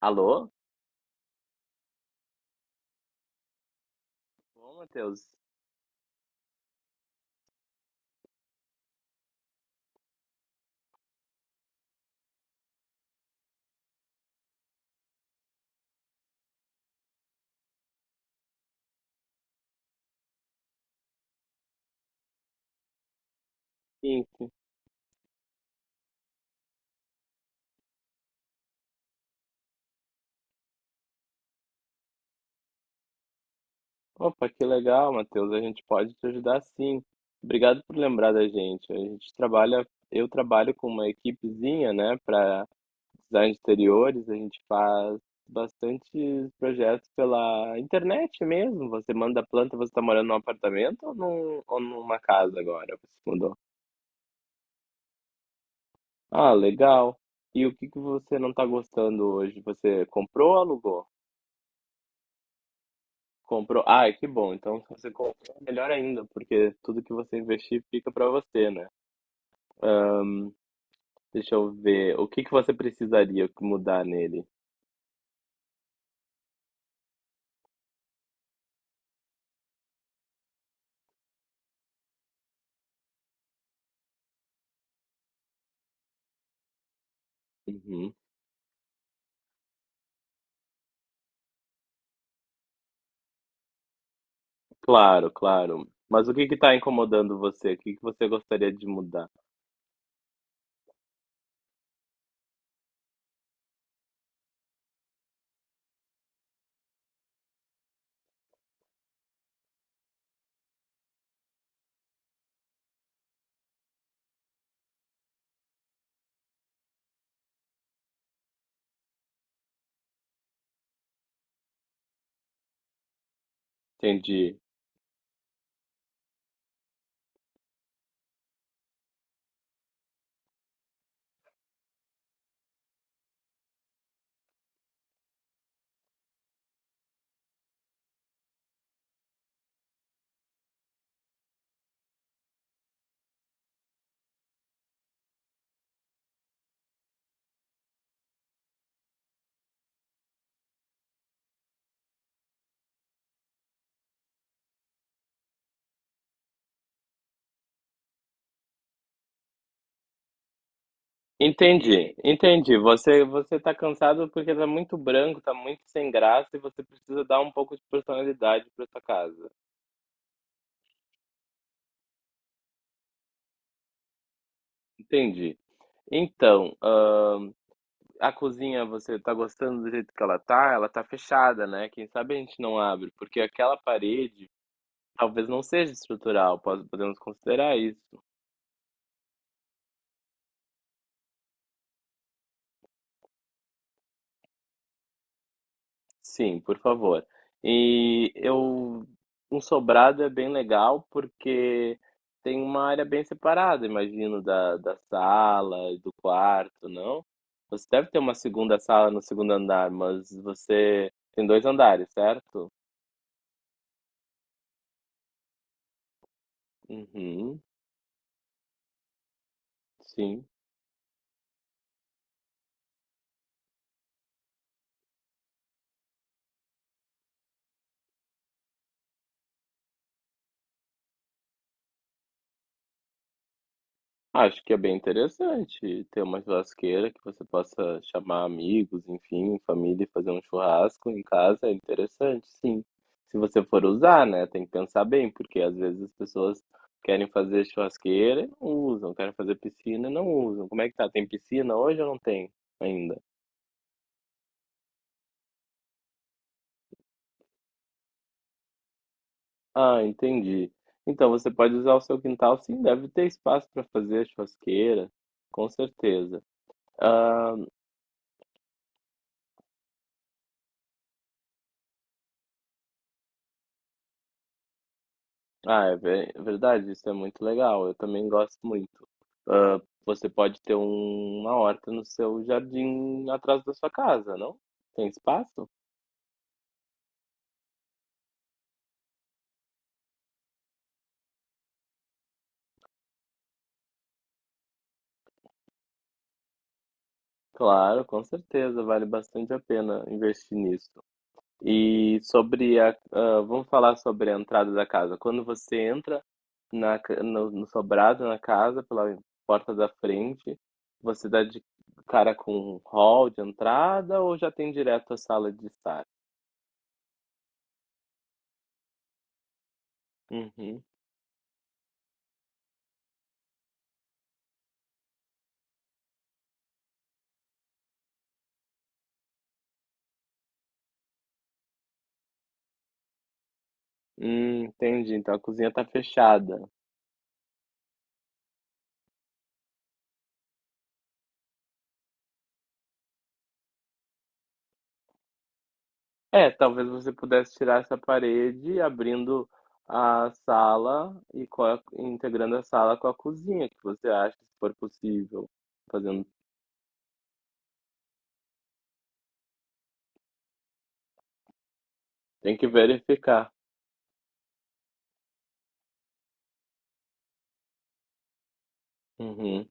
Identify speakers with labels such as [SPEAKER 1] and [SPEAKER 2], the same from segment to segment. [SPEAKER 1] Alô? Ô, Matheus. Sim, sim. Opa, que legal, Matheus. A gente pode te ajudar sim. Obrigado por lembrar da gente. A gente eu trabalho com uma equipezinha, né, para design de interiores. A gente faz bastantes projetos pela internet mesmo. Você manda a planta, você está morando num apartamento ou numa casa agora? Você se mudou? Ah, legal. E o que que você não está gostando hoje? Você comprou ou alugou? Comprou. Ah, que bom. Então, se você comprou, melhor ainda, porque tudo que você investir fica para você, né? Deixa eu ver. O que que você precisaria mudar nele? Uhum. Claro, claro. Mas o que que está incomodando você? O que que você gostaria de mudar? Entendi. Entendi, entendi. Você tá cansado porque tá muito branco, tá muito sem graça e você precisa dar um pouco de personalidade para sua casa. Entendi. Então, a cozinha, você tá gostando do jeito que ela tá? Ela tá fechada, né? Quem sabe a gente não abre, porque aquela parede talvez não seja estrutural, podemos considerar isso. Sim, por favor. E eu, um sobrado é bem legal porque tem uma área bem separada, imagino, da sala e do quarto, não? Você deve ter uma segunda sala no segundo andar, mas você tem dois andares, certo? Uhum, sim. Acho que é bem interessante ter uma churrasqueira que você possa chamar amigos, enfim, família e fazer um churrasco em casa, é interessante, sim. Se você for usar, né, tem que pensar bem, porque às vezes as pessoas querem fazer churrasqueira e não usam, querem fazer piscina e não usam. Como é que tá? Tem piscina hoje ou não tem ainda? Ah, entendi. Então você pode usar o seu quintal, sim, deve ter espaço para fazer churrasqueira, com certeza. Ah, Ah, é verdade, isso é muito legal. Eu também gosto muito. Ah, você pode ter uma horta no seu jardim atrás da sua casa, não? Tem espaço? Claro, com certeza, vale bastante a pena investir nisso. E vamos falar sobre a entrada da casa. Quando você entra na, ca- no, no sobrado na casa, pela porta da frente, você dá de cara com um hall de entrada ou já tem direto a sala de estar? Uhum. Entendi. Então a cozinha tá fechada. É, talvez você pudesse tirar essa parede, abrindo a sala e integrando a sala com a cozinha, que você acha, se for possível. Fazendo, tem que verificar. Uhum.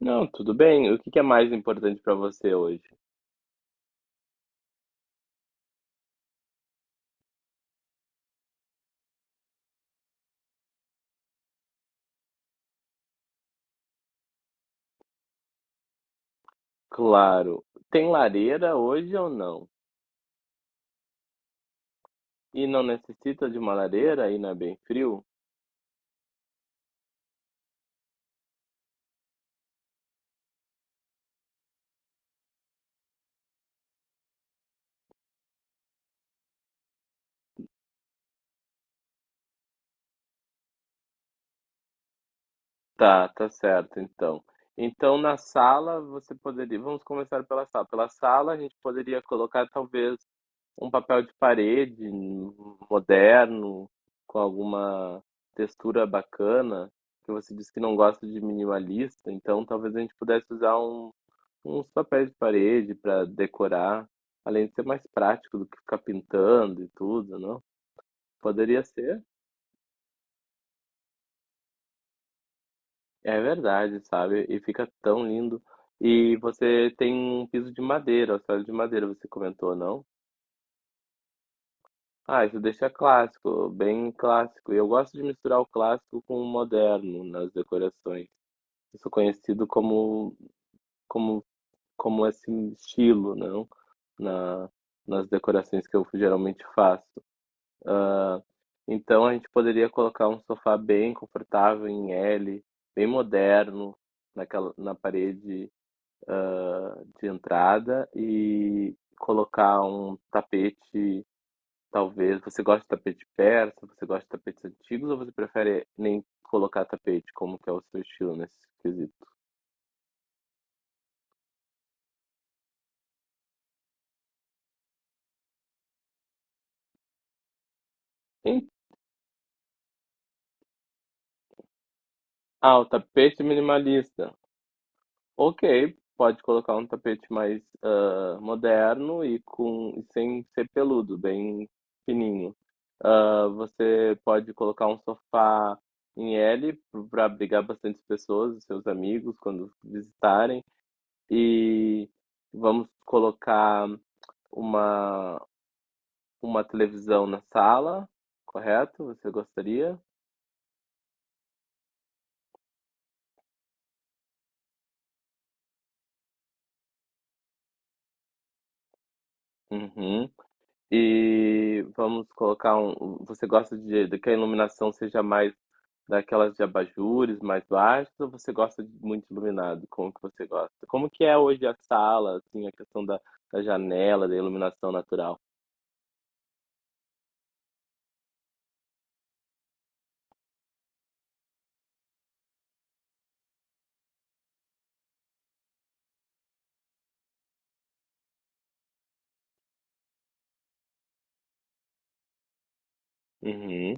[SPEAKER 1] Não, tudo bem. O que que é mais importante para você hoje? Claro. Tem lareira hoje ou não? E não necessita de uma lareira? Aí não é bem frio? Tá, tá certo então. Então na sala você poderia vamos começar pela sala. Pela sala a gente poderia colocar talvez um papel de parede moderno, com alguma textura bacana, que você disse que não gosta de minimalista, então talvez a gente pudesse usar uns papéis de parede para decorar, além de ser mais prático do que ficar pintando e tudo, não? Poderia ser? É verdade, sabe? E fica tão lindo. E você tem um piso de madeira, o solo de madeira, você comentou, não? Ah, isso deixa clássico, bem clássico. E eu gosto de misturar o clássico com o moderno nas decorações. Eu sou conhecido como, como esse estilo, não? Na, nas decorações que eu geralmente faço. Então a gente poderia colocar um sofá bem confortável em L, bem moderno na parede de entrada e colocar um tapete, talvez. Você gosta de tapete persa, você gosta de tapetes antigos ou você prefere nem colocar tapete? Como que é o seu estilo nesse quesito? Em- Ah, o tapete minimalista. Ok, pode colocar um tapete mais moderno e com e sem ser peludo, bem fininho. Ah, você pode colocar um sofá em L para abrigar bastante pessoas, seus amigos, quando visitarem. E vamos colocar uma, uma televisão na sala, correto? Você gostaria? Uhum. E vamos colocar um. Você gosta de que a iluminação seja mais daquelas de abajures mais baixas ou você gosta de muito iluminado? Como que você gosta? Como que é hoje a sala, assim, a questão da janela, da iluminação natural? Uhum.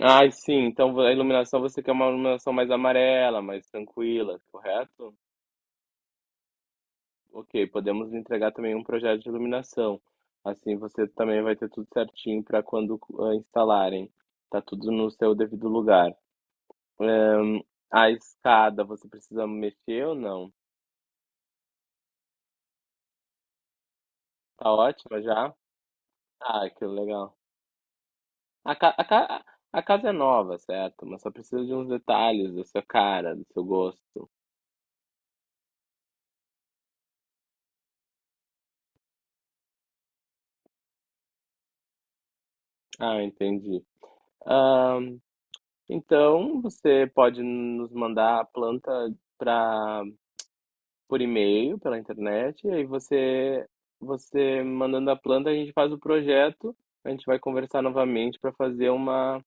[SPEAKER 1] Ah, sim. Então a iluminação você quer uma iluminação mais amarela, mais tranquila, correto? Ok, podemos entregar também um projeto de iluminação. Assim você também vai ter tudo certinho para quando instalarem. Tá tudo no seu devido lugar. Ahn, a escada, você precisa mexer ou não? Tá ótima já? Ah, que legal. A, ca- a ca- a casa é nova, certo? Mas só precisa de uns detalhes da sua cara, do seu gosto. Ah, entendi. Ahn, então, você pode nos mandar a planta para por e-mail, pela internet, e aí você mandando a planta, a gente faz o projeto, a gente vai conversar novamente para fazer uma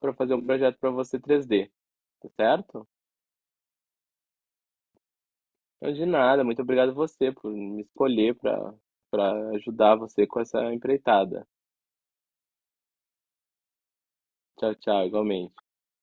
[SPEAKER 1] para fazer um projeto para você 3D, tá certo? Então, de nada, muito obrigado você por me escolher para ajudar você com essa empreitada. Tchau, tchau, igualmente.